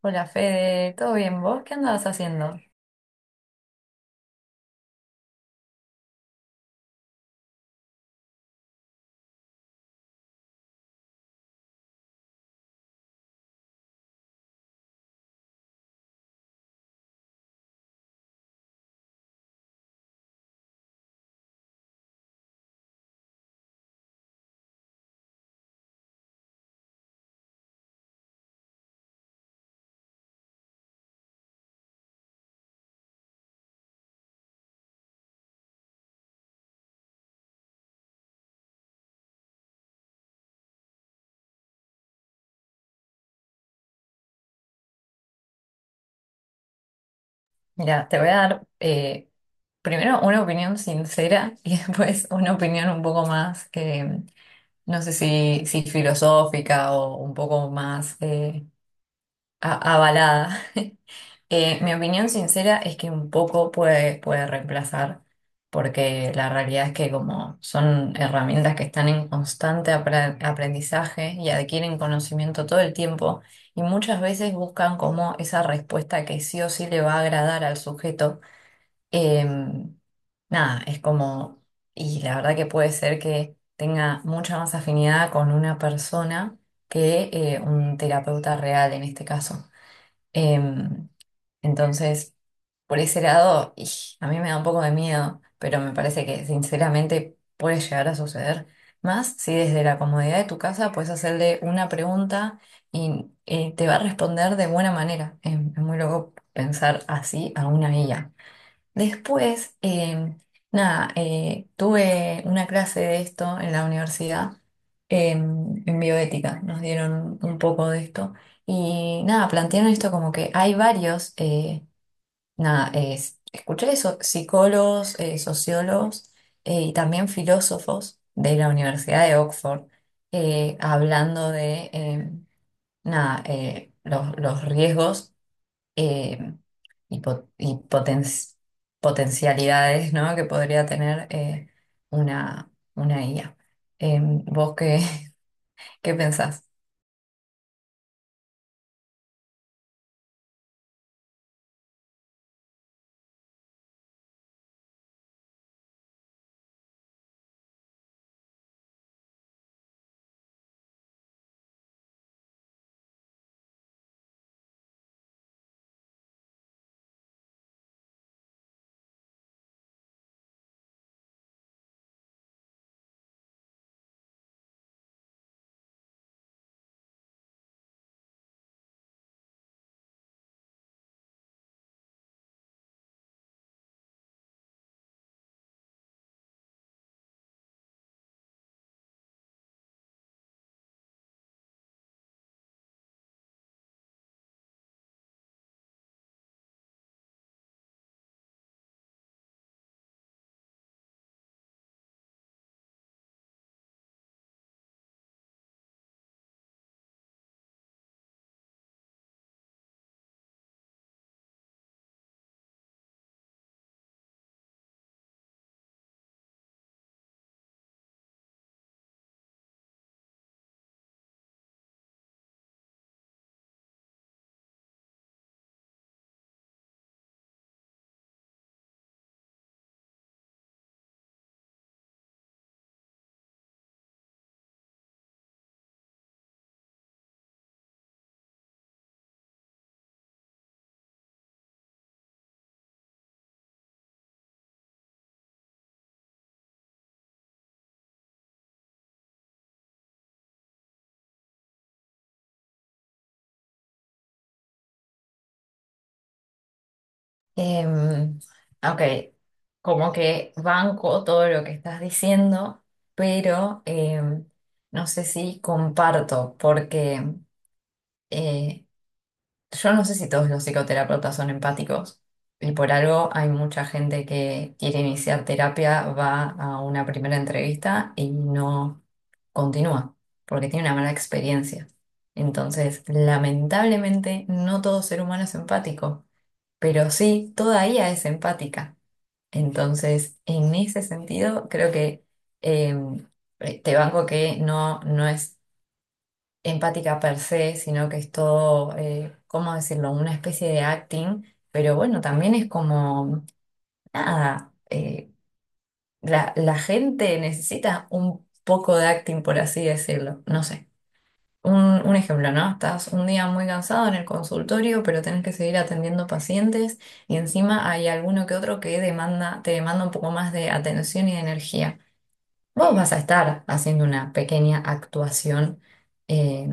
Hola Fede, ¿todo bien? ¿Vos qué andabas haciendo? Mira, te voy a dar primero una opinión sincera y después una opinión un poco más, no sé si, si filosófica o un poco más avalada. Mi opinión sincera es que un poco puede, puede reemplazar, porque la realidad es que como son herramientas que están en constante aprendizaje y adquieren conocimiento todo el tiempo, y muchas veces buscan como esa respuesta que sí o sí le va a agradar al sujeto. Em, nada, es como, y la verdad que puede ser que tenga mucha más afinidad con una persona que un terapeuta real en este caso. Em, entonces... Por ese lado, y a mí me da un poco de miedo, pero me parece que sinceramente puede llegar a suceder. Más si desde la comodidad de tu casa puedes hacerle una pregunta y te va a responder de buena manera. Es muy loco pensar así a una IA. Después, nada, tuve una clase de esto en la universidad, en bioética. Nos dieron un poco de esto. Y nada, plantearon esto como que hay varios. Nada, Escuché eso, psicólogos, sociólogos, y también filósofos de la Universidad de Oxford, hablando de nada, los riesgos, eh, y potencialidades, ¿no?, que podría tener una IA. ¿vos qué, qué pensás? Em, ok, como que banco todo lo que estás diciendo, pero no sé si comparto, porque eh, yo no sé si todos los psicoterapeutas son empáticos y por algo hay mucha gente que quiere iniciar terapia, va a una primera entrevista y no continúa, porque tiene una mala experiencia. Entonces, lamentablemente, no todo ser humano es empático, pero sí, toda ella es empática. Entonces, en ese sentido, creo que em, te banco que no, no es empática per se, sino que es todo, ¿cómo decirlo?, una especie de acting, pero bueno, también es como, nada, la, la gente necesita un poco de acting, por así decirlo, no sé. Un, un ejemplo, ¿no? Estás un día muy cansado en el consultorio, pero tenés que seguir atendiendo pacientes y encima hay alguno que otro que demanda, te demanda un poco más de atención y de energía. Vos vas a estar haciendo una pequeña actuación eh,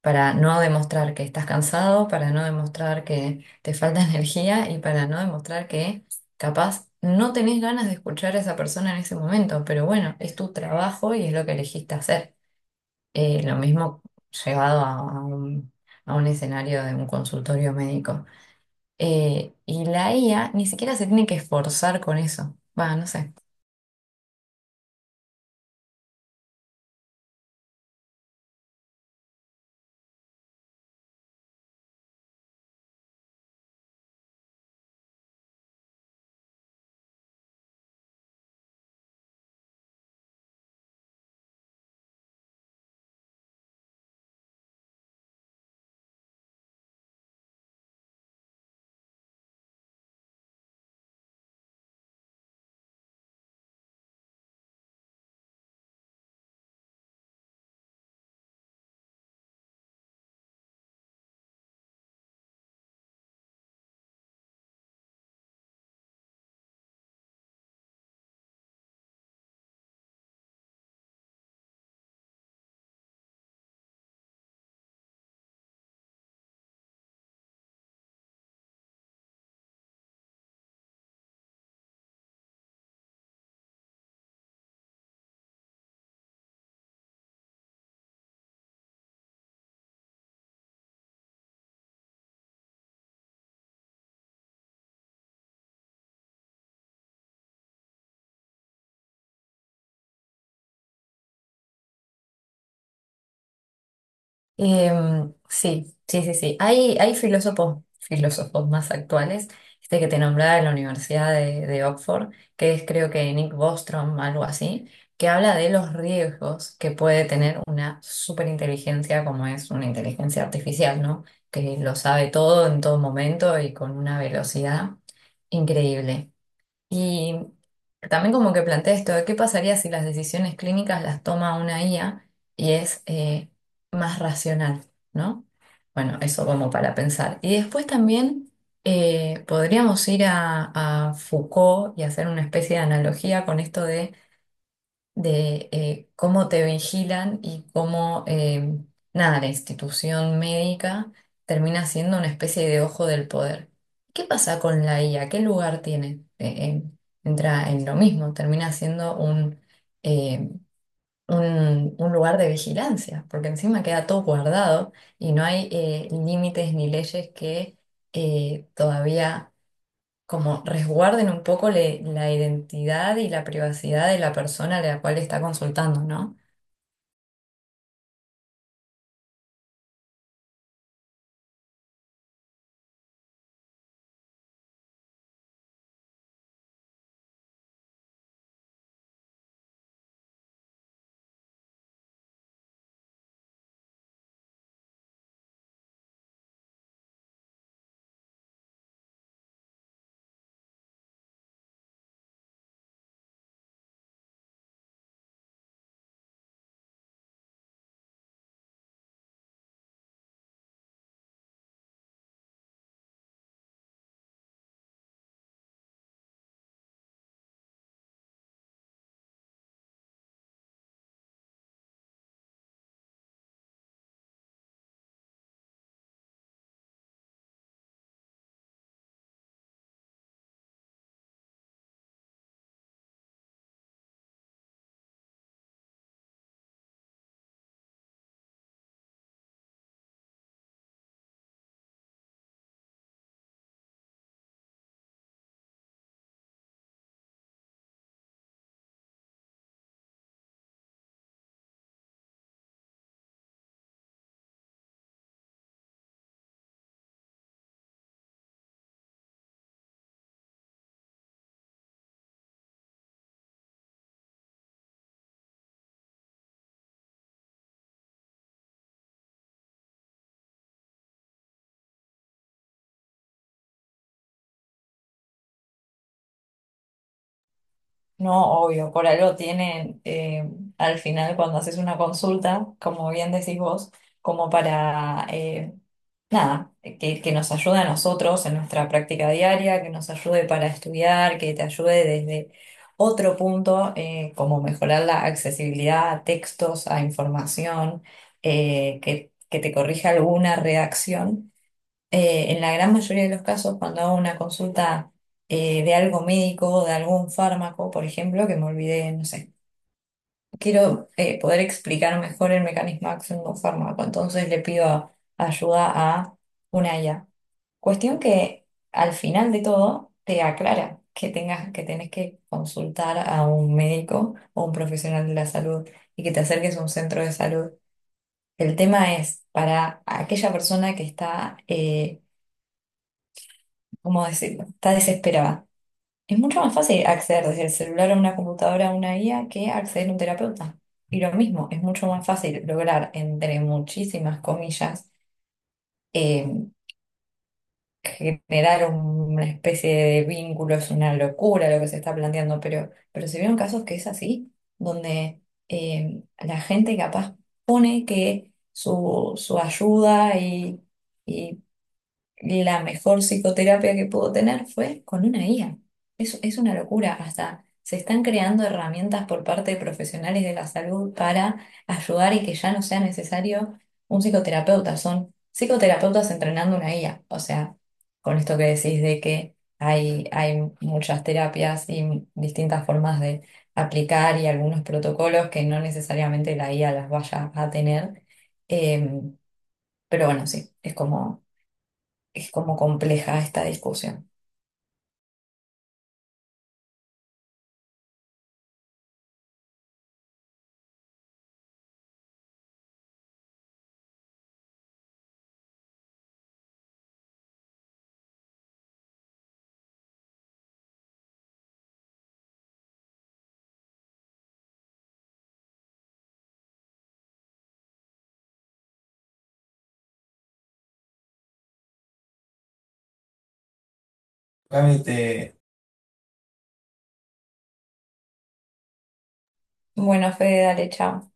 para no demostrar que estás cansado, para no demostrar que te falta energía y para no demostrar que capaz no tenés ganas de escuchar a esa persona en ese momento, pero bueno, es tu trabajo y es lo que elegiste hacer. Lo mismo llevado a un escenario de un consultorio médico. Y la IA ni siquiera se tiene que esforzar con eso. Va, no sé. Em, sí, sí, sí, sí. Hay filósofos, filósofos más actuales, este que te nombraba de la Universidad de Oxford, que es creo que Nick Bostrom, algo así, que habla de los riesgos que puede tener una superinteligencia como es una inteligencia artificial, ¿no? Que lo sabe todo en todo momento y con una velocidad increíble. Y también como que planteé esto, de ¿qué pasaría si las decisiones clínicas las toma una IA y es más racional, ¿no? Bueno, eso como para pensar. Y después también podríamos ir a Foucault y hacer una especie de analogía con esto de cómo te vigilan y cómo, nada, la institución médica termina siendo una especie de ojo del poder. ¿Qué pasa con la IA? ¿Qué lugar tiene? Entra en lo mismo, termina siendo eh, un lugar de vigilancia, porque encima queda todo guardado y no hay límites ni leyes que todavía como resguarden un poco la identidad y la privacidad de la persona a la cual está consultando, ¿no? No, obvio, por algo tienen, al final cuando haces una consulta, como bien decís vos, como para, nada, que nos ayude a nosotros en nuestra práctica diaria, que nos ayude para estudiar, que te ayude desde otro punto, como mejorar la accesibilidad a textos, a información, que te corrija alguna redacción. En la gran mayoría de los casos, cuando hago una consulta de algo médico o de algún fármaco, por ejemplo, que me olvidé, no sé, quiero poder explicar mejor el mecanismo de acción de un fármaco, entonces le pido ayuda a una IA. Cuestión que al final de todo te aclara que tengas, que tenés que consultar a un médico o un profesional de la salud y que te acerques a un centro de salud. El tema es para aquella persona que está, ¿cómo decirlo?, está desesperada. Es mucho más fácil acceder desde el celular a una computadora a una guía que acceder a un terapeuta. Y lo mismo, es mucho más fácil lograr, entre muchísimas comillas, eh, generar una especie de vínculo, es una locura lo que se está planteando, pero se vieron casos que es así, donde la gente capaz pone que su ayuda y la mejor psicoterapia que pudo tener fue con una IA. Es una locura. Hasta se están creando herramientas por parte de profesionales de la salud para ayudar y que ya no sea necesario un psicoterapeuta. Son psicoterapeutas entrenando una IA. O sea, con esto que decís de que hay muchas terapias y distintas formas de aplicar y algunos protocolos que no necesariamente la IA las vaya a tener. Em, pero bueno, sí, es como compleja esta discusión. Cami, te... Bueno, Fede, dale, chao.